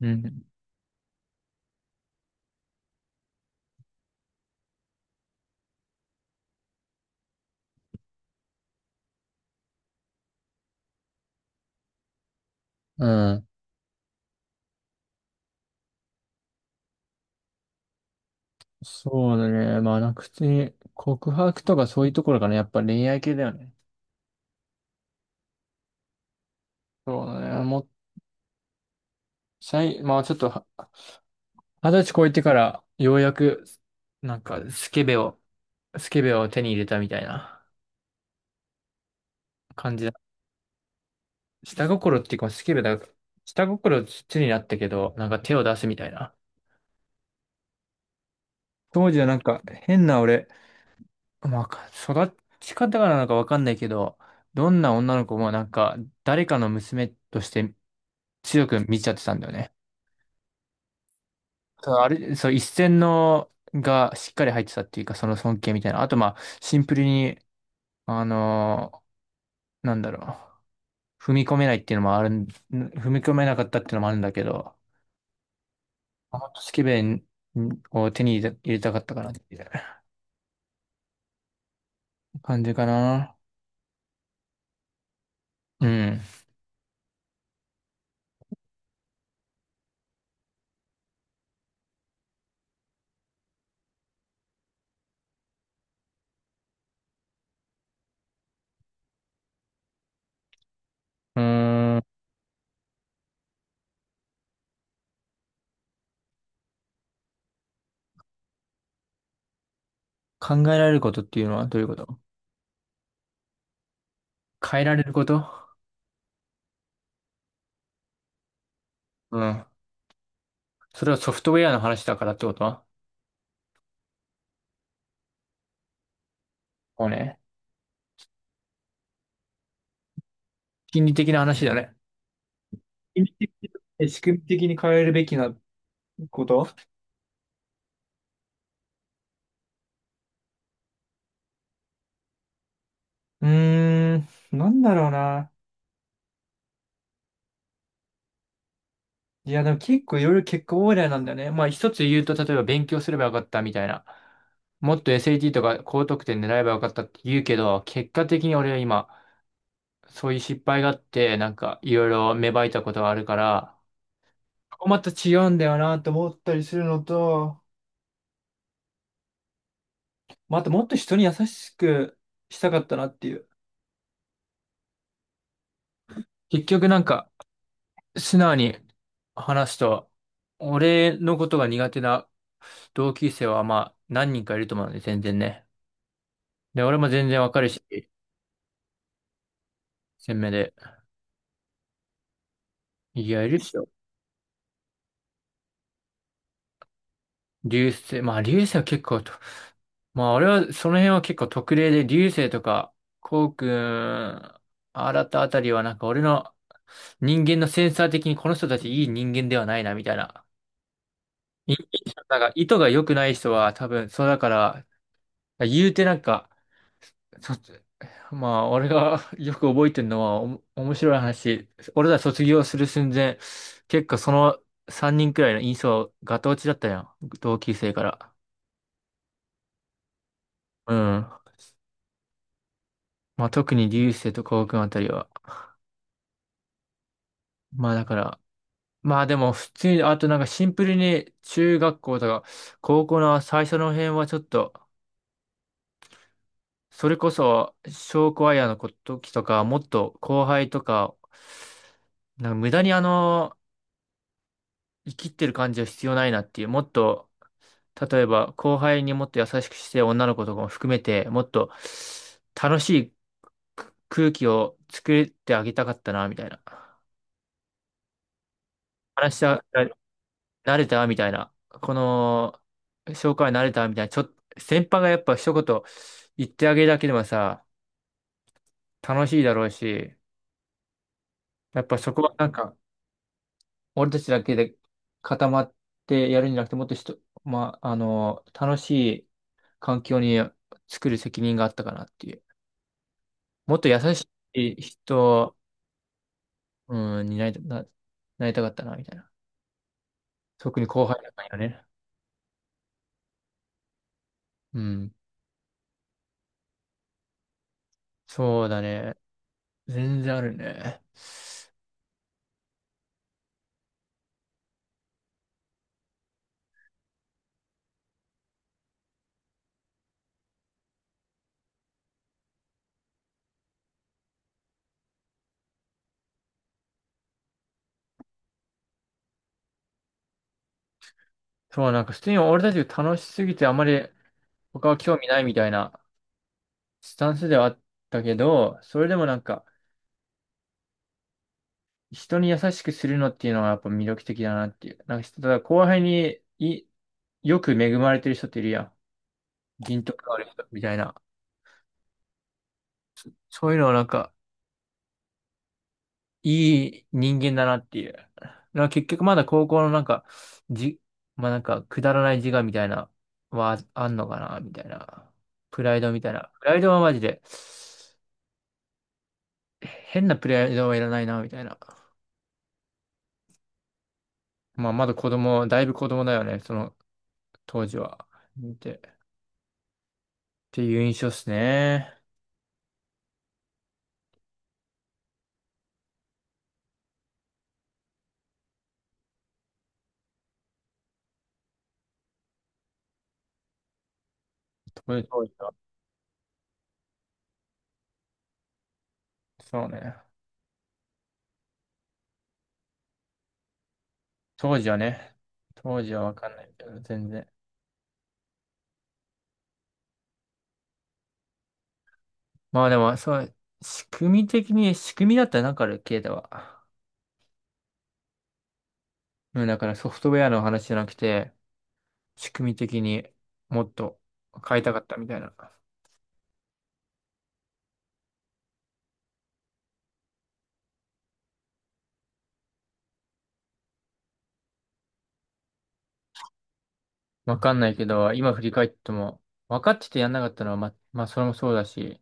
うん。うん。そうだね。まあ、なんか普通に告白とかそういうところかな。やっぱ恋愛系だよね。そうだね。もう、最、まあちょっとは、二十歳超えてからようやく、なんかスケベを手に入れたみたいな感じだ。下心っていうか、スケベだ。下心土になったけど、なんか手を出すみたいな。当時はなんか変な俺、まあ、育ち方がなのかわかんないけど、どんな女の子もなんか誰かの娘として強く見ちゃってたんだよね。そう、あれ、そう、一線のがしっかり入ってたっていうか、その尊敬みたいな。あと、まあ、シンプルに、あのーなんだろう。踏み込めないっていうのもあるん、踏み込めなかったっていうのもあるんだけど、もっとスケベンを手に入れたかったかなっていう感じかな。うん。うーん。考えられることっていうのはどういうこと？変えられること。うん。それはソフトウェアの話だからってこと？もうね、心理的な話だね。仕組み的仕組み的に変えるべきなこと。うーん、なんだろうな。いや、でも結構いろいろ結果オーライなんだよね。まあ一つ言うと、例えば勉強すればよかったみたいな。もっと SAT とか高得点狙えばよかったって言うけど、結果的に俺は今、そういう失敗があって、なんかいろいろ芽生えたことがあるから、ここまた違うんだよなと思ったりするのと、またもっと人に優しくしたかったなっていう。結局なんか、素直に話すと、俺のことが苦手な同級生はまあ何人かいると思うんで、全然ね。で、俺も全然わかるし、鮮明で。いや、いるでしょ。流星、まあ流星は結構と、まあ俺はその辺は結構特例で、流星とか、こうくん、新たあたりはなんか俺の人間のセンサー的にこの人たちいい人間ではないな、みたいな。い、なんか意図が良くない人は多分、そうだから、言うてなんか、そ、まあ、俺が よく覚えてるのは、おも、面白い話。俺ら卒業する寸前、結構その3人くらいの印象、ガタ落ちだったやん。同級生から。うん。まあ、特に流星と高君あたりは。まあ、だから、まあでも、普通に、あとなんかシンプルに中学校とか、高校の最初の辺はちょっと、それこそ、証クアイーの時とか、もっと後輩とか、なんか無駄にあの、生きってる感じは必要ないなっていう、もっと、例えば後輩にもっと優しくして女の子とかも含めて、もっと楽しいく空気を作ってあげたかったな、みたいな。話した慣れたみたいな。この、紹介慣れたみたいな。ちょっと、先輩がやっぱ一言言ってあげるだけでもさ、楽しいだろうし、やっぱそこはなんか、俺たちだけで固まってやるんじゃなくて、もっと人、まあ、あの、楽しい、環境に作る責任があったかなっていう。もっと優しい人、うん、になりた、な、なりたかったな、みたいな。特に後輩だからね。うん。そうだね。全然あるね。そう、なんか普通に俺たちが楽しすぎてあまり他は興味ないみたいなスタンスではあったけど、それでもなんか人に優しくするのっていうのはやっぱ魅力的だなっていう。なんかただ後輩にい、よく恵まれてる人っているやん。人徳がある人みたいな。そういうのはなんかいい人間だなっていう。だから結局まだ高校のなんか、じ、まあなんか、くだらない自我みたいな、はあんのかな、みたいな。プライドみたいな。プライドはマジで、変なプライドはいらないな、みたいな。まあまだ子供、だいぶ子供だよね、その当時は。見て。っていう印象っすね。当時は。そうね。当時はね。当時はわかんないけど、全然。まあでも、そう、仕組み的に、仕組みだったらなんかある、ケイタは。うん、だからソフトウェアの話じゃなくて、仕組み的にもっと変えたかったみたいな。わかんないけど、今振り返っても、分かっててやんなかったのは、ま、まあ、それもそうだし、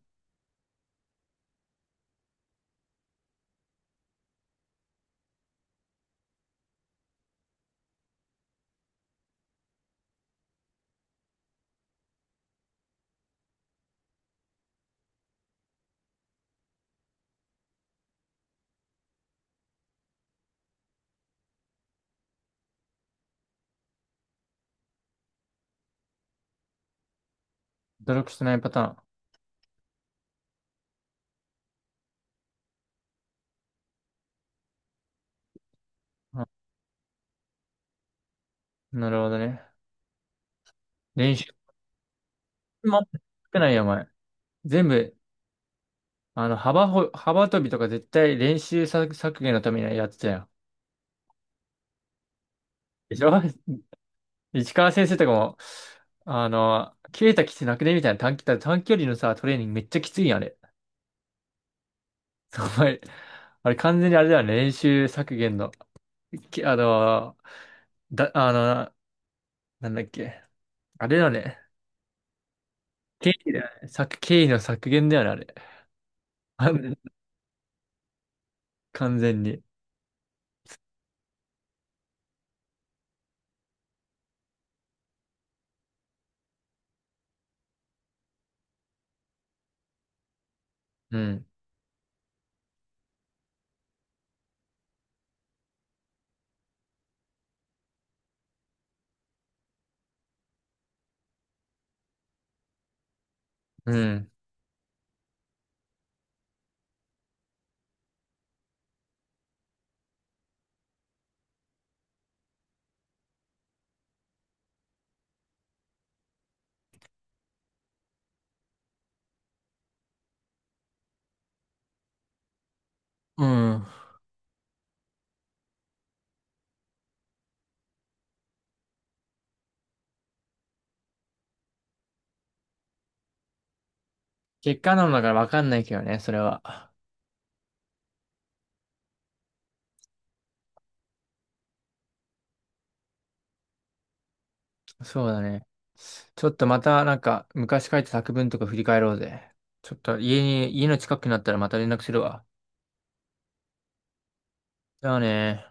努力してないパターン。あ、なるほどね。練習も少ないよ、お前。全部、あの、幅ほ、幅跳びとか絶対練習削減のためにやってたよ。でしょ 市川先生とかも、あの、切れたきつなくねみたいな短期、短距離のさ、トレーニングめっちゃきついやん、あれ。お前、あれ完全にあれだよね、練習削減の、き、あの、だ、あの、なんだっけ。あれだよね。経費だよね。削、経費の削減だよね、あれ。あの、完全に。うん。うん。うん。結果論だからわかんないけどね、それは。そうだね。ちょっとまたなんか昔書いた作文とか振り返ろうぜ。ちょっと家に、家の近くになったらまた連絡するわ。じゃあね